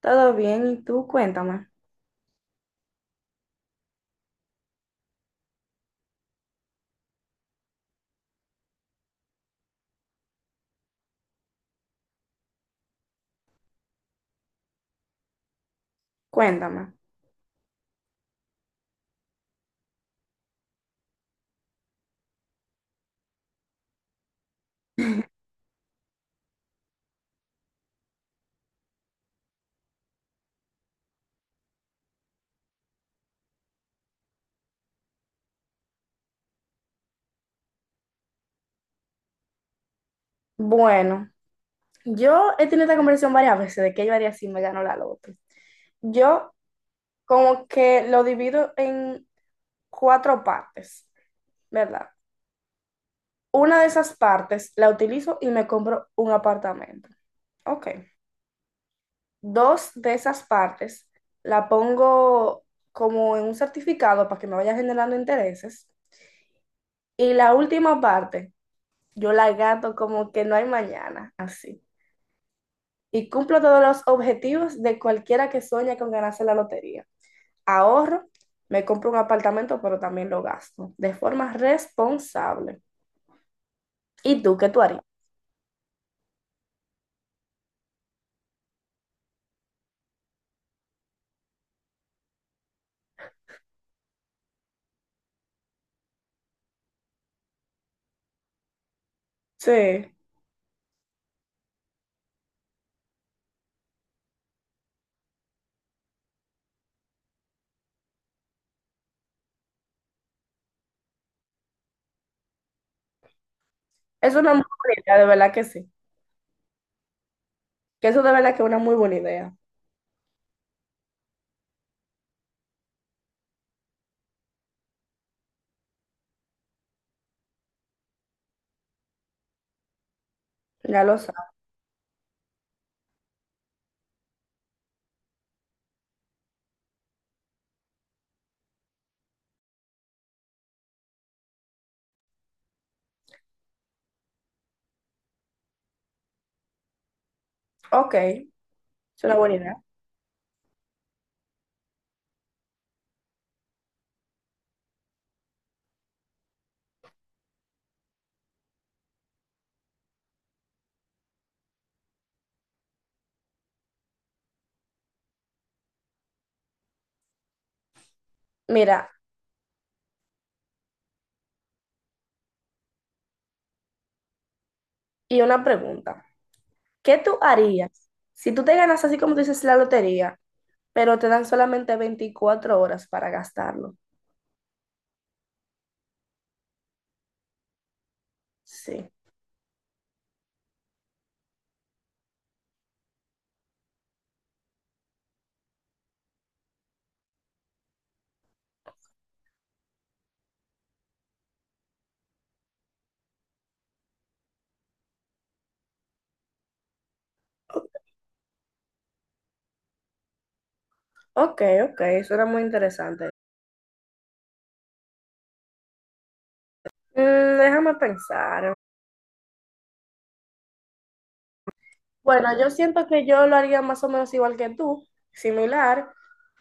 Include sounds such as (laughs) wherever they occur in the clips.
Todo bien, ¿y tú? Cuéntame, cuéntame. Bueno, yo he tenido esta conversación varias veces de qué yo haría si me ganó la loto. Yo como que lo divido en cuatro partes, ¿verdad? Una de esas partes la utilizo y me compro un apartamento. Ok. Dos de esas partes la pongo como en un certificado para que me vaya generando intereses. Y la última parte, yo la gato como que no hay mañana, así. Y cumplo todos los objetivos de cualquiera que sueña con ganarse la lotería. Ahorro, me compro un apartamento, pero también lo gasto de forma responsable. ¿Y tú qué tú harías? Sí, es una muy buena idea, de verdad que sí. Que eso de verdad que es una muy buena idea. Ya lo sabes. Ok, es una buena idea. Mira, y una pregunta. ¿Qué tú harías si tú te ganas así como tú dices la lotería, pero te dan solamente 24 horas para gastarlo? Sí. Ok, ok, eso era muy interesante. Déjame pensar. Bueno, yo siento que yo lo haría más o menos igual que tú, similar,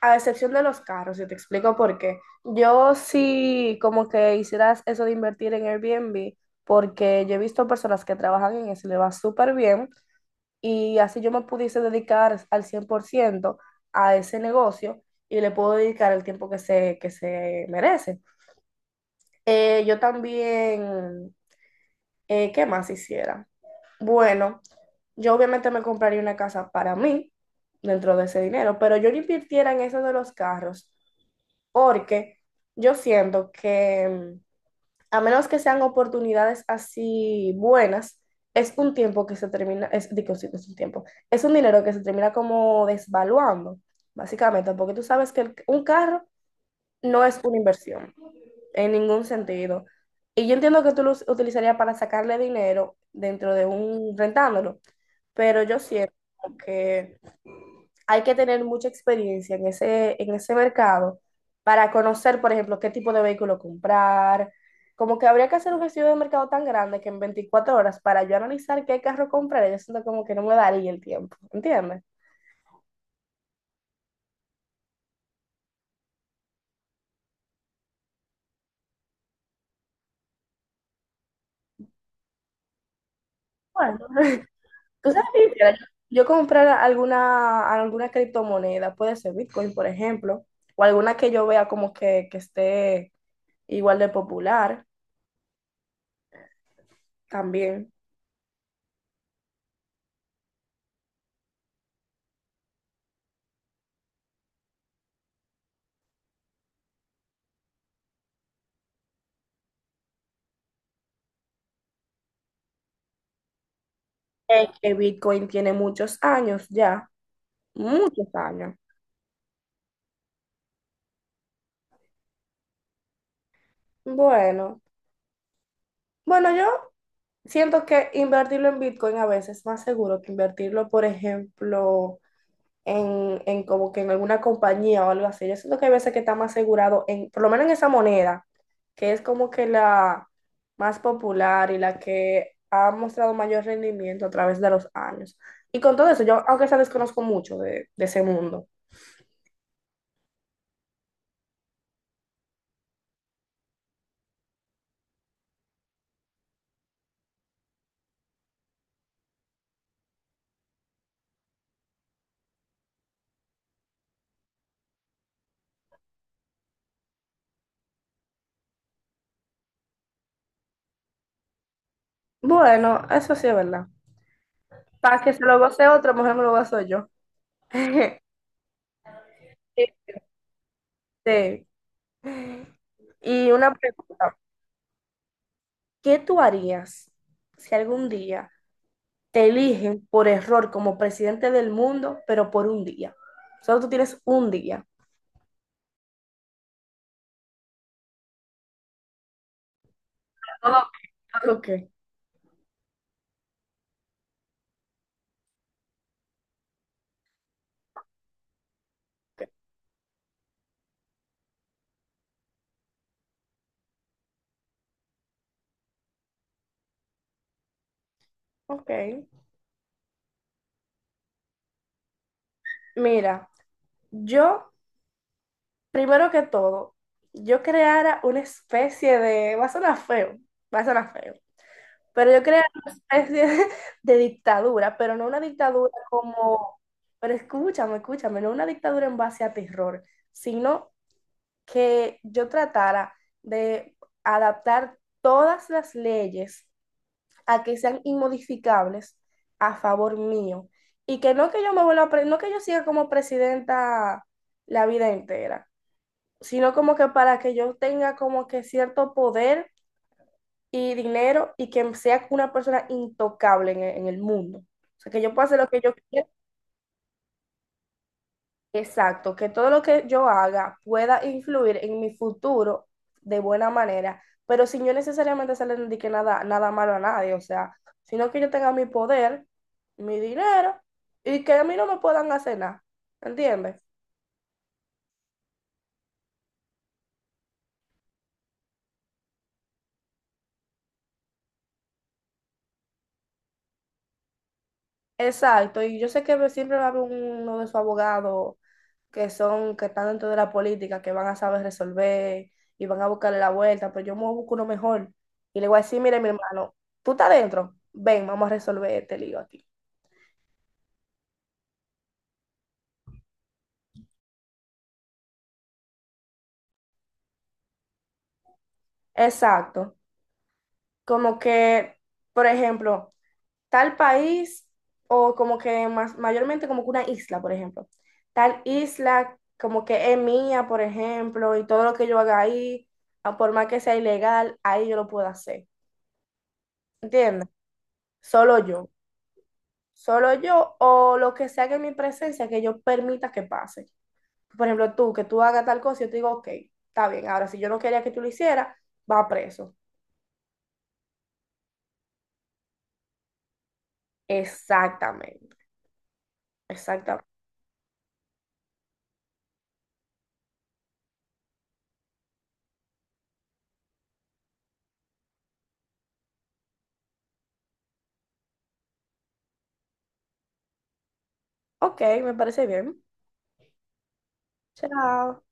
a excepción de los carros, y te explico por qué. Yo sí como que hicieras eso de invertir en Airbnb, porque yo he visto personas que trabajan en eso y le va súper bien, y así yo me pudiese dedicar al 100% a ese negocio y le puedo dedicar el tiempo que se merece. Yo también. ¿Qué más hiciera? Bueno, yo obviamente me compraría una casa para mí dentro de ese dinero, pero yo no invirtiera en eso de los carros porque yo siento que mm, a menos que sean oportunidades así buenas, es un tiempo que se termina, es, digo, sí, no es un tiempo, es un dinero que se termina como desvaluando, básicamente, porque tú sabes que un carro no es una inversión en ningún sentido. Y yo entiendo que tú lo utilizarías para sacarle dinero dentro de un rentándolo, pero yo siento que hay que tener mucha experiencia en ese mercado para conocer, por ejemplo, qué tipo de vehículo comprar. Como que habría que hacer un estudio de mercado tan grande que en 24 horas para yo analizar qué carro comprar, yo siento como que no me daría el tiempo, ¿entiendes? Bueno, tú sabes, que quisiera yo comprar alguna criptomoneda, puede ser Bitcoin, por ejemplo, o alguna que yo vea como que esté igual de popular también. Que Bitcoin tiene muchos años ya, muchos años. Bueno, bueno, yo siento que invertirlo en Bitcoin a veces es más seguro que invertirlo, por ejemplo, en como que en alguna compañía o algo así. Yo siento que hay veces que está más asegurado en, por lo menos en esa moneda, que es como que la más popular y la que ha mostrado mayor rendimiento a través de los años. Y con todo eso, yo aunque sea desconozco mucho de ese mundo. Bueno, eso sí es verdad. Para que se lo goce otro, mejor me lo gozo yo. (laughs) Este, Y una pregunta, ¿qué tú harías si algún día te eligen por error como presidente del mundo, pero por un día? Solo tú tienes un día. Ah, ok. Ok. Mira, yo, primero que todo, yo creara una especie de, va a sonar feo, va a sonar feo, pero yo creara una especie de dictadura, pero no una dictadura como, pero escúchame, escúchame, no una dictadura en base a terror, sino que yo tratara de adaptar todas las leyes a que sean inmodificables a favor mío. Y que no que yo me vuelva, no que yo siga como presidenta la vida entera, sino como que para que yo tenga como que cierto poder y dinero y que sea una persona intocable en el mundo. O sea, que yo pueda hacer lo que yo quiera. Exacto, que todo lo que yo haga pueda influir en mi futuro de buena manera, pero sin yo necesariamente hacerle le indique nada, nada malo a nadie, o sea, sino que yo tenga mi poder, mi dinero y que a mí no me puedan hacer nada, ¿entiendes? Exacto, y yo sé que siempre va a haber uno de sus abogados que son, que están dentro de la política, que van a saber resolver y van a buscarle la vuelta, pero yo me busco uno mejor y le voy a decir, mire mi hermano, tú estás dentro, ven, vamos a resolver este lío aquí. Exacto. Como que, por ejemplo, tal país o como que más, mayormente como que una isla, por ejemplo. Tal isla como que es mía, por ejemplo, y todo lo que yo haga ahí, a por más que sea ilegal, ahí yo lo puedo hacer. ¿Entiendes? Solo yo. Solo yo o lo que sea que en mi presencia que yo permita que pase. Por ejemplo, tú, que tú hagas tal cosa, yo te digo, ok, está bien. Ahora, si yo no quería que tú lo hicieras, va preso. Exactamente, exactamente. Ok, me parece bien. Chao.